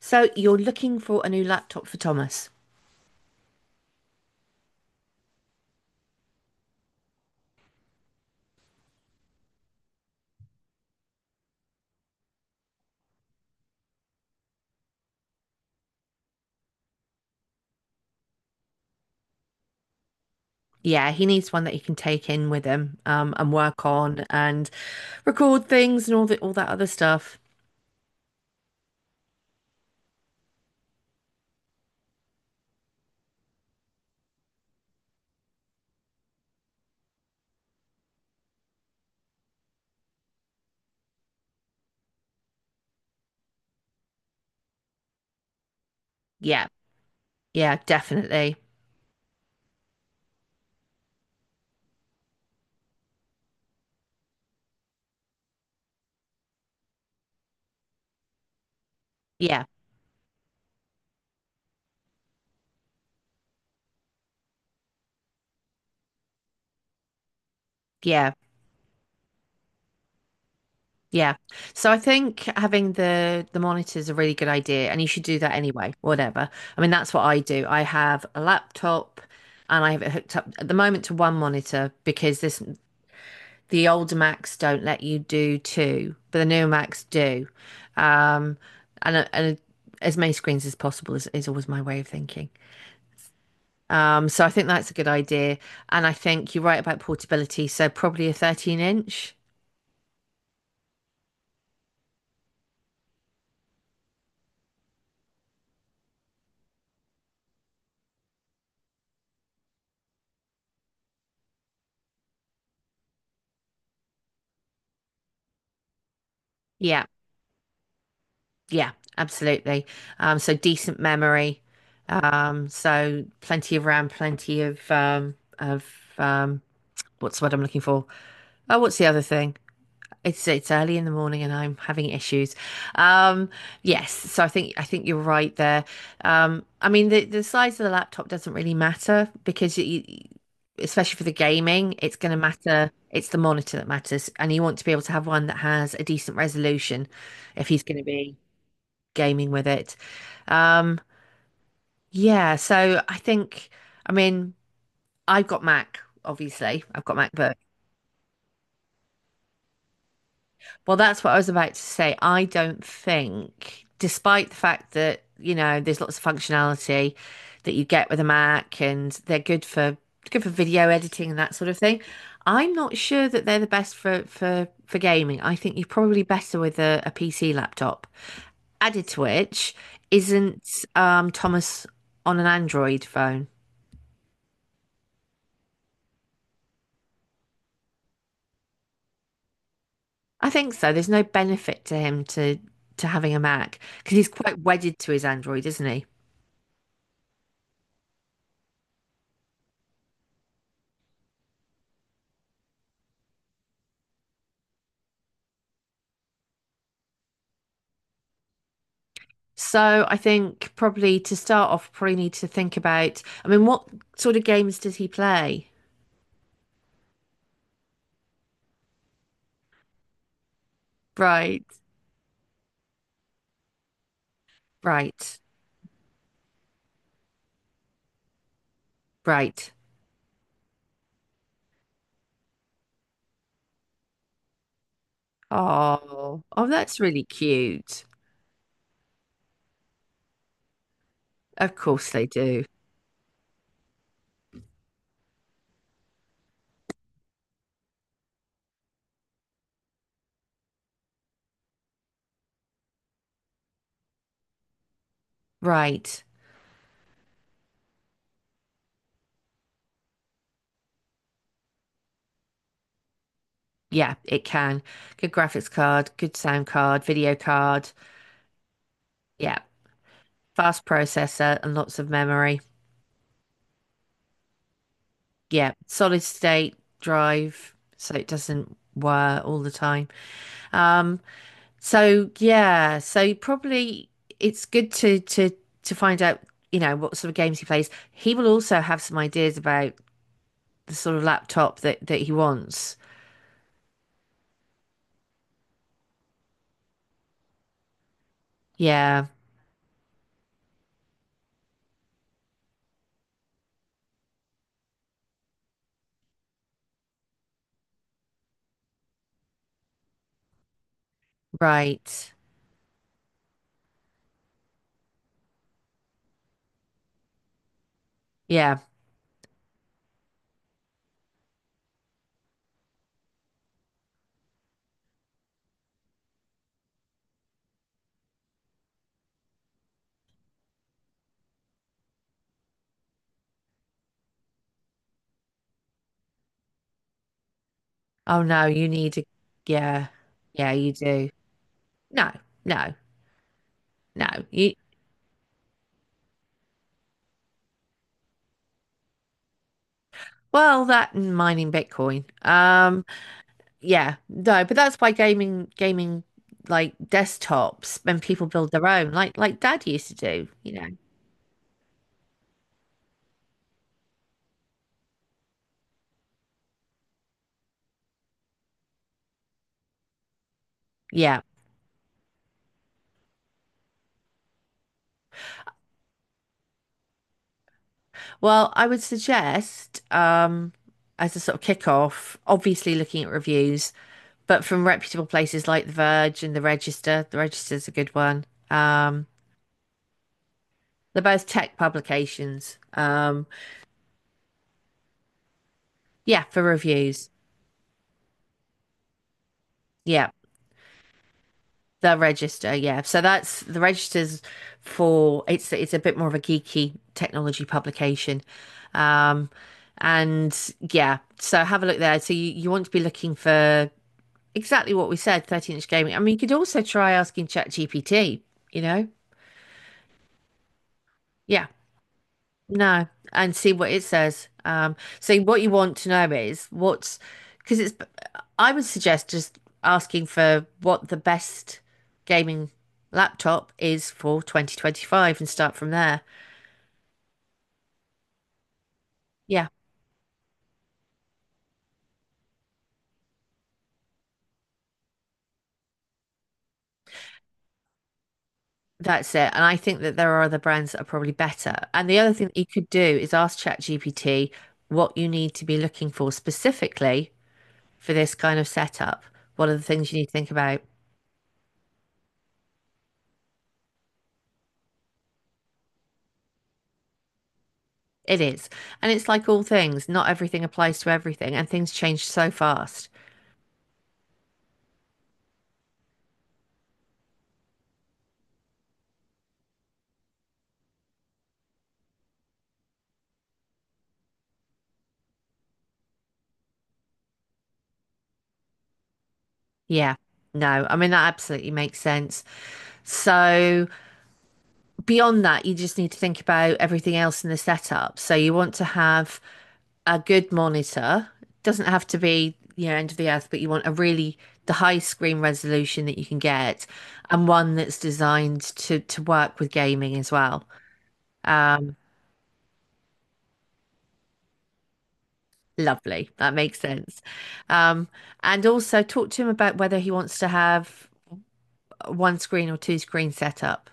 So you're looking for a new laptop for Thomas. Yeah, he needs one that he can take in with him and work on and record things and all that other stuff. Yeah, yeah, definitely. Yeah, yeah, yeah. So I think having the monitor is a really good idea, and you should do that anyway. Whatever. I mean, that's what I do. I have a laptop, and I have it hooked up at the moment to one monitor because this the older Macs don't let you do two, but the newer Macs do. Um, and as many screens as possible is always my way of thinking. So I think that's a good idea. And I think you're right about portability. So probably a 13 inch. Yeah, yeah, absolutely. So decent memory. So plenty of RAM, plenty of um, what's the word I'm looking for? Oh, what's the other thing? It's early in the morning and I'm having issues. Um, yes, so I think you're right there. I mean the size of the laptop doesn't really matter because especially for the gaming, it's going to matter. It's the monitor that matters, and you want to be able to have one that has a decent resolution if he's going to be gaming with it. Um, yeah, so I think I mean I've got Mac, obviously. I've got MacBook. Well, that's what I was about to say. I don't think, despite the fact that, you know, there's lots of functionality that you get with a Mac, and they're good for video editing and that sort of thing. I'm not sure that they're the best for gaming. I think you're probably better with a PC laptop. Added to which, isn't Thomas on an Android phone? I think so. There's no benefit to him to having a Mac because he's quite wedded to his Android, isn't he? So I think probably to start off, probably need to think about, I mean, what sort of games does he play? Right, right, right. Oh, oh, that's really cute. Of course they do. Right. Yeah, it can. Good graphics card, good sound card, video card. Yeah, fast processor and lots of memory. Yeah, solid state drive, so it doesn't wear all the time. Um, So yeah, so probably it's good to find out, you know, what sort of games he plays. He will also have some ideas about the sort of laptop that he wants. Yeah, right. Yeah. Oh no, you need a, yeah. Yeah, you do. No, no, no. You well, that and mining Bitcoin. Yeah, no, but that's why gaming like desktops, when people build their own, like Dad used to do, you know. Yeah. Well, I would suggest, as a sort of kickoff, obviously looking at reviews, but from reputable places like The Verge and The Register. The Register's a good one. Um, they're both tech publications. Yeah, for reviews. Yeah, The Register. Yeah, so that's The Register's, for it's a bit more of a geeky technology publication. Um, and yeah, so have a look there. So you want to be looking for exactly what we said, 13-inch gaming. I mean, you could also try asking ChatGPT, you know? Yeah, no, and see what it says. So what you want to know is what's, because it's, I would suggest just asking for what the best gaming laptop is for 2025 and start from there. Yeah, that's it. And I think that there are other brands that are probably better. And the other thing that you could do is ask ChatGPT what you need to be looking for specifically for this kind of setup, what are the things you need to think about? It is. And it's like all things, not everything applies to everything, and things change so fast. Yeah. No, I mean, that absolutely makes sense. So, beyond that, you just need to think about everything else in the setup. So, you want to have a good monitor. It doesn't have to be, you know, end of the earth, but you want a really the high screen resolution that you can get and one that's designed to work with gaming as well. Um, Lovely. That makes sense. Um, and also talk to him about whether he wants to have one screen or two screen setup.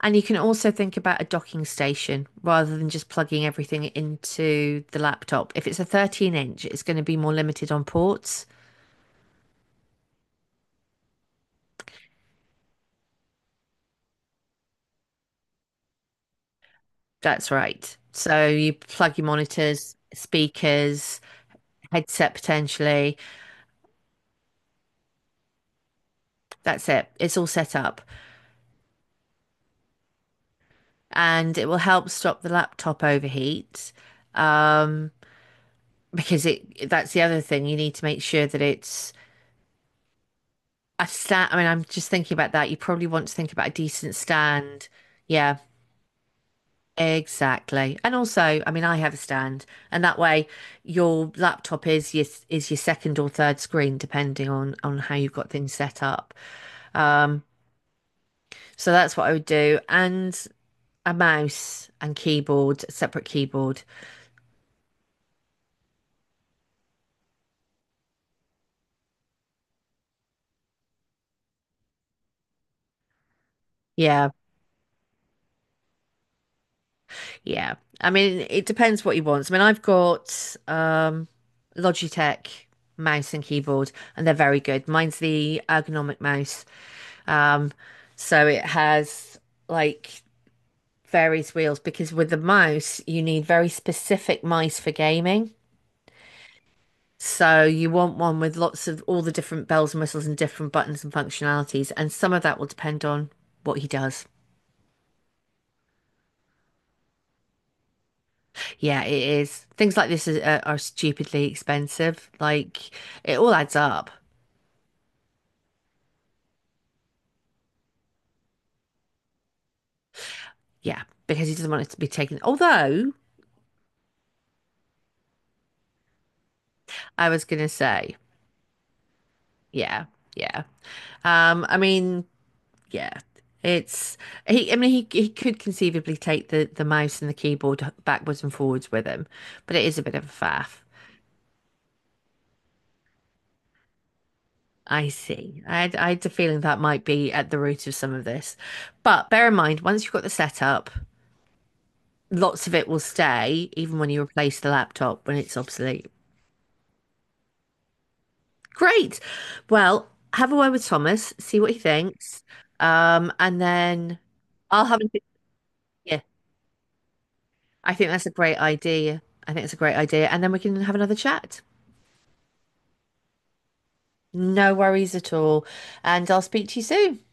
And you can also think about a docking station rather than just plugging everything into the laptop. If it's a 13-inch, it's going to be more limited on ports. That's right. So you plug your monitors, speakers, headset potentially. That's it. It's all set up. And it will help stop the laptop overheat. Um, because it that's the other thing. You need to make sure that it's a stand. I mean, I'm just thinking about that. You probably want to think about a decent stand. Yeah, exactly. And also, I mean, I have a stand, and that way your laptop is your second or third screen, depending on how you've got things set up. Um, so that's what I would do, and a mouse and keyboard, separate keyboard. Yeah. Yeah. I mean, it depends what he wants. I mean, I've got Logitech mouse and keyboard, and they're very good. Mine's the ergonomic mouse. Um, so it has like various wheels because with the mouse, you need very specific mice for gaming. So you want one with lots of all the different bells and whistles and different buttons and functionalities, and some of that will depend on what he does. Yeah, it is. Things like this are stupidly expensive. Like it all adds up. Yeah, because he doesn't want it to be taken. Although I was gonna say, yeah, yeah. I mean, yeah, it's he. I mean, he could conceivably take the mouse and the keyboard backwards and forwards with him, but it is a bit of a faff. I see. I had a feeling that might be at the root of some of this. But bear in mind, once you've got the setup, lots of it will stay, even when you replace the laptop when it's obsolete. Great. Well, have a word with Thomas, see what he thinks. And then I'll have a yeah. I think that's a great idea. I think it's a great idea. And then we can have another chat. No worries at all. And I'll speak to you soon.